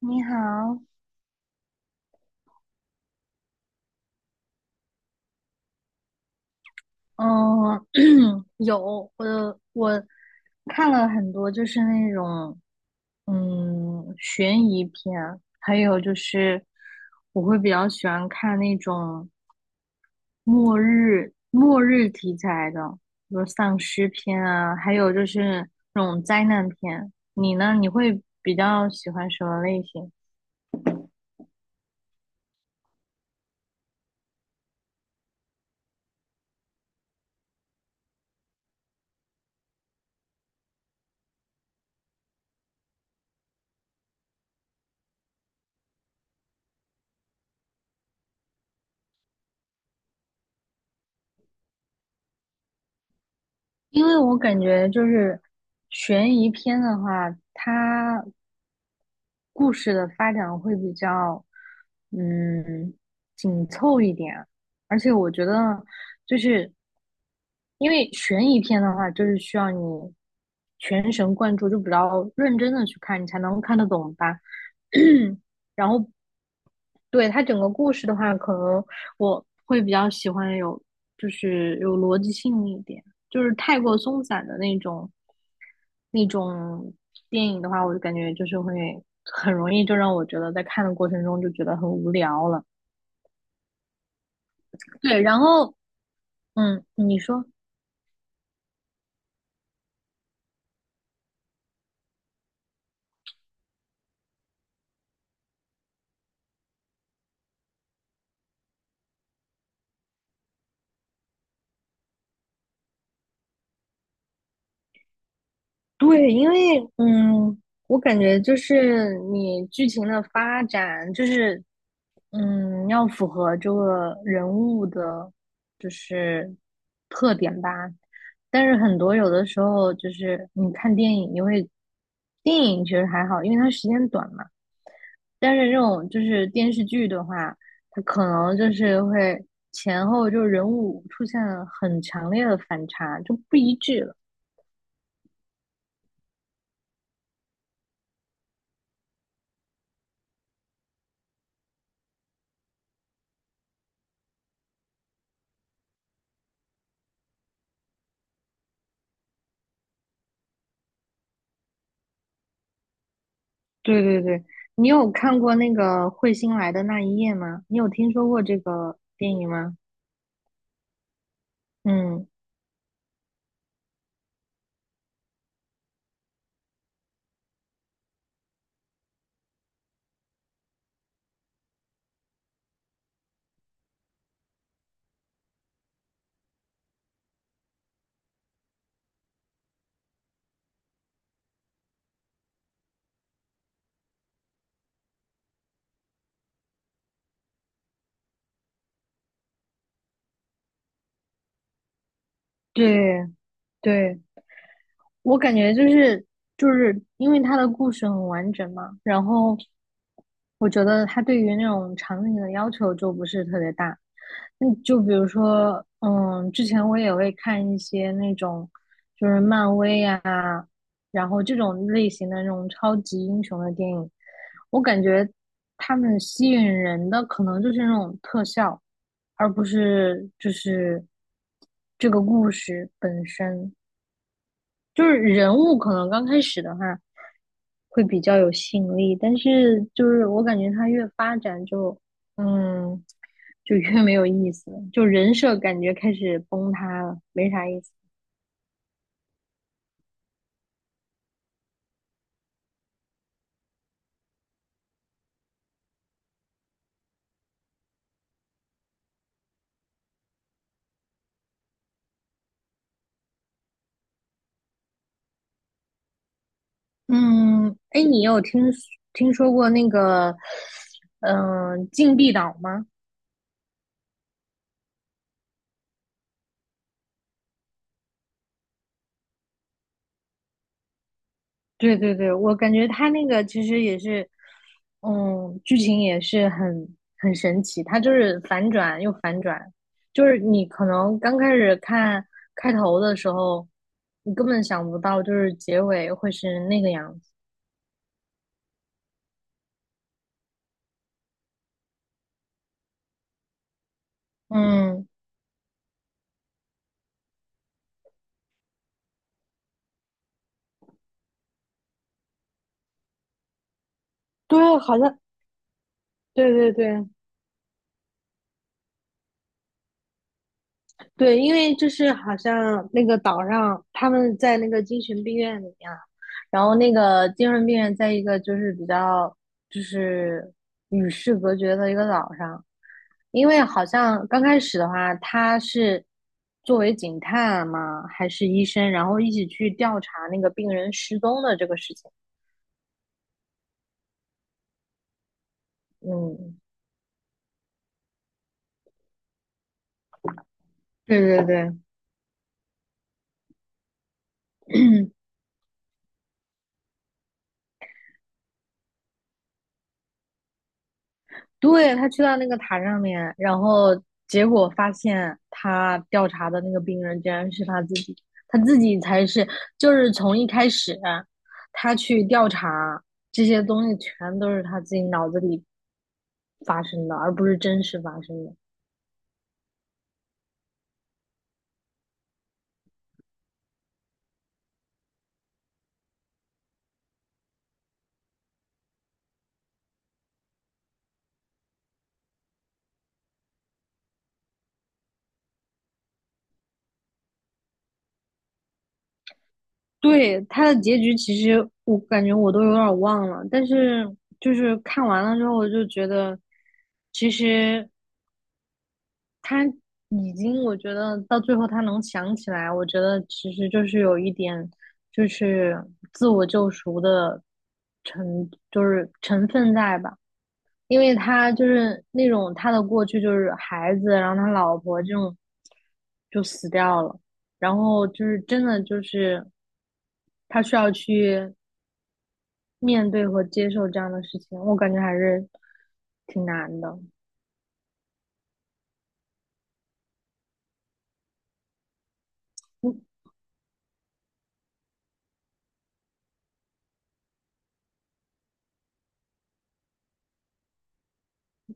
你好，嗯，有，我看了很多，就是那种悬疑片，还有就是我会比较喜欢看那种末日题材的，比如丧尸片啊，还有就是那种灾难片。你呢？你会比较喜欢什么类型？因为我感觉就是悬疑片的话，它故事的发展会比较，嗯，紧凑一点。而且我觉得，就是因为悬疑片的话，就是需要你全神贯注，就比较认真的去看，你才能看得懂吧。然后，对，它整个故事的话，可能我会比较喜欢有，就是有逻辑性一点，就是太过松散的那种，那种电影的话，我就感觉就是会很容易就让我觉得在看的过程中就觉得很无聊了。对，然后你说对，因为我感觉就是你剧情的发展就是要符合这个人物的，就是特点吧。但是很多有的时候就是你看电影，电影其实还好，因为它时间短嘛。但是这种就是电视剧的话，它可能就是会前后就人物出现了很强烈的反差，就不一致了。对对对，你有看过那个彗星来的那一夜吗？你有听说过这个电影吗？嗯，对对。我感觉就是因为他的故事很完整嘛，然后我觉得他对于那种场景的要求就不是特别大。那就比如说，之前我也会看一些那种就是漫威呀，然后这种类型的那种超级英雄的电影，我感觉他们吸引人的可能就是那种特效，而不是就是这个故事本身。就是人物可能刚开始的话会比较有吸引力，但是就是我感觉他越发展就，嗯，就越没有意思了就人设感觉开始崩塌了，没啥意思。嗯，哎，你有听说过那个，禁闭岛吗？对对对，我感觉他那个其实也是，剧情也是很神奇，他就是反转又反转，就是你可能刚开始看开头的时候，你根本想不到就是结尾会是那个样子。嗯，对，好像对对对对，因为就是好像那个岛上他们在那个精神病院里面，然后那个精神病院在一个就是比较就是与世隔绝的一个岛上。因为好像刚开始的话，他是作为警探嘛，还是医生，然后一起去调查那个病人失踪的这个事情。嗯，对对对，对，他去到那个塔上面，然后结果发现他调查的那个病人竟然是他自己，他自己才是，就是从一开始他去调查这些东西，全都是他自己脑子里发生的，而不是真实发生的。对，他的结局其实我感觉我都有点儿忘了，但是就是看完了之后，我就觉得其实他已经，我觉得到最后他能想起来，我觉得其实就是有一点就是自我救赎的就是成分在吧，因为他就是那种他的过去就是孩子，然后他老婆这种就死掉了。然后就是真的就是他需要去面对和接受这样的事情，我感觉还是挺难的。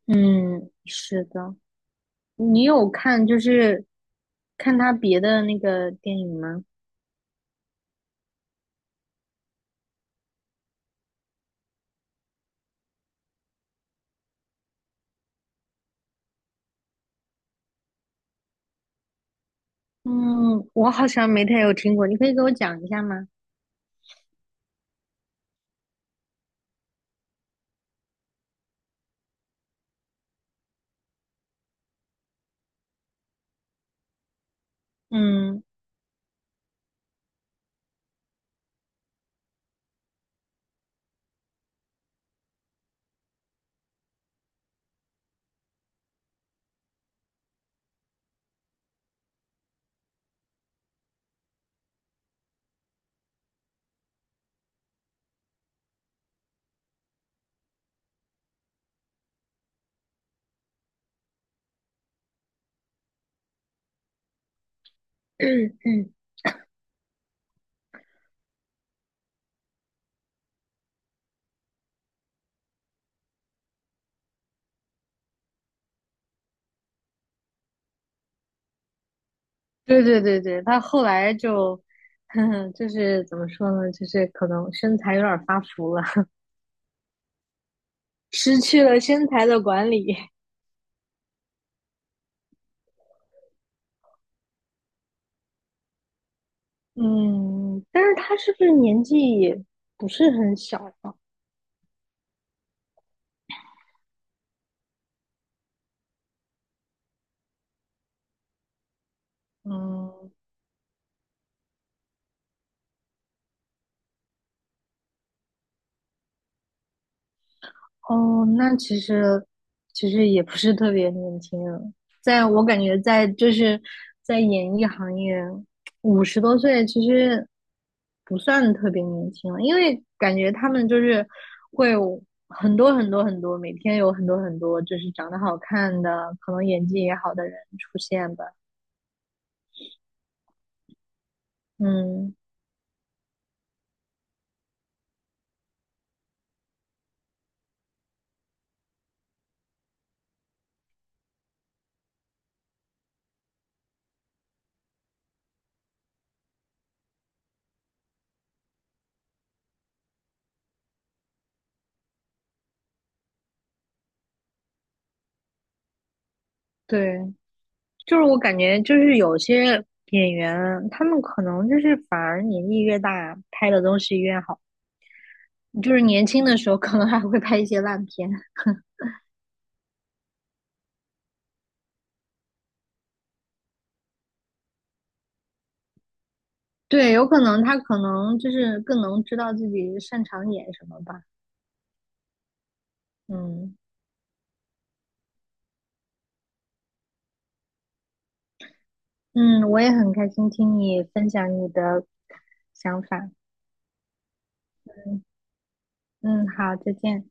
嗯，是的。你有看就是看他别的那个电影吗？嗯，我好像没太有听过，你可以给我讲一下吗？嗯，对对对对，他后来就，呵呵，就是怎么说呢，就是可能身材有点儿发福了，失去了身材的管理。嗯，但是他是不是年纪也不是很小啊？嗯，哦，那其实也不是特别年轻人在我感觉在就是在演艺行业，50多岁其实不算特别年轻了，因为感觉他们就是会有很多很多很多，每天有很多很多就是长得好看的，可能演技也好的人出现吧。嗯，对，就是我感觉就是有些演员，他们可能就是反而年纪越大，拍的东西越好。就是年轻的时候可能还会拍一些烂片，对，有可能他可能就是更能知道自己擅长演什么吧。嗯嗯，我也很开心听你分享你的想法。嗯，好，再见。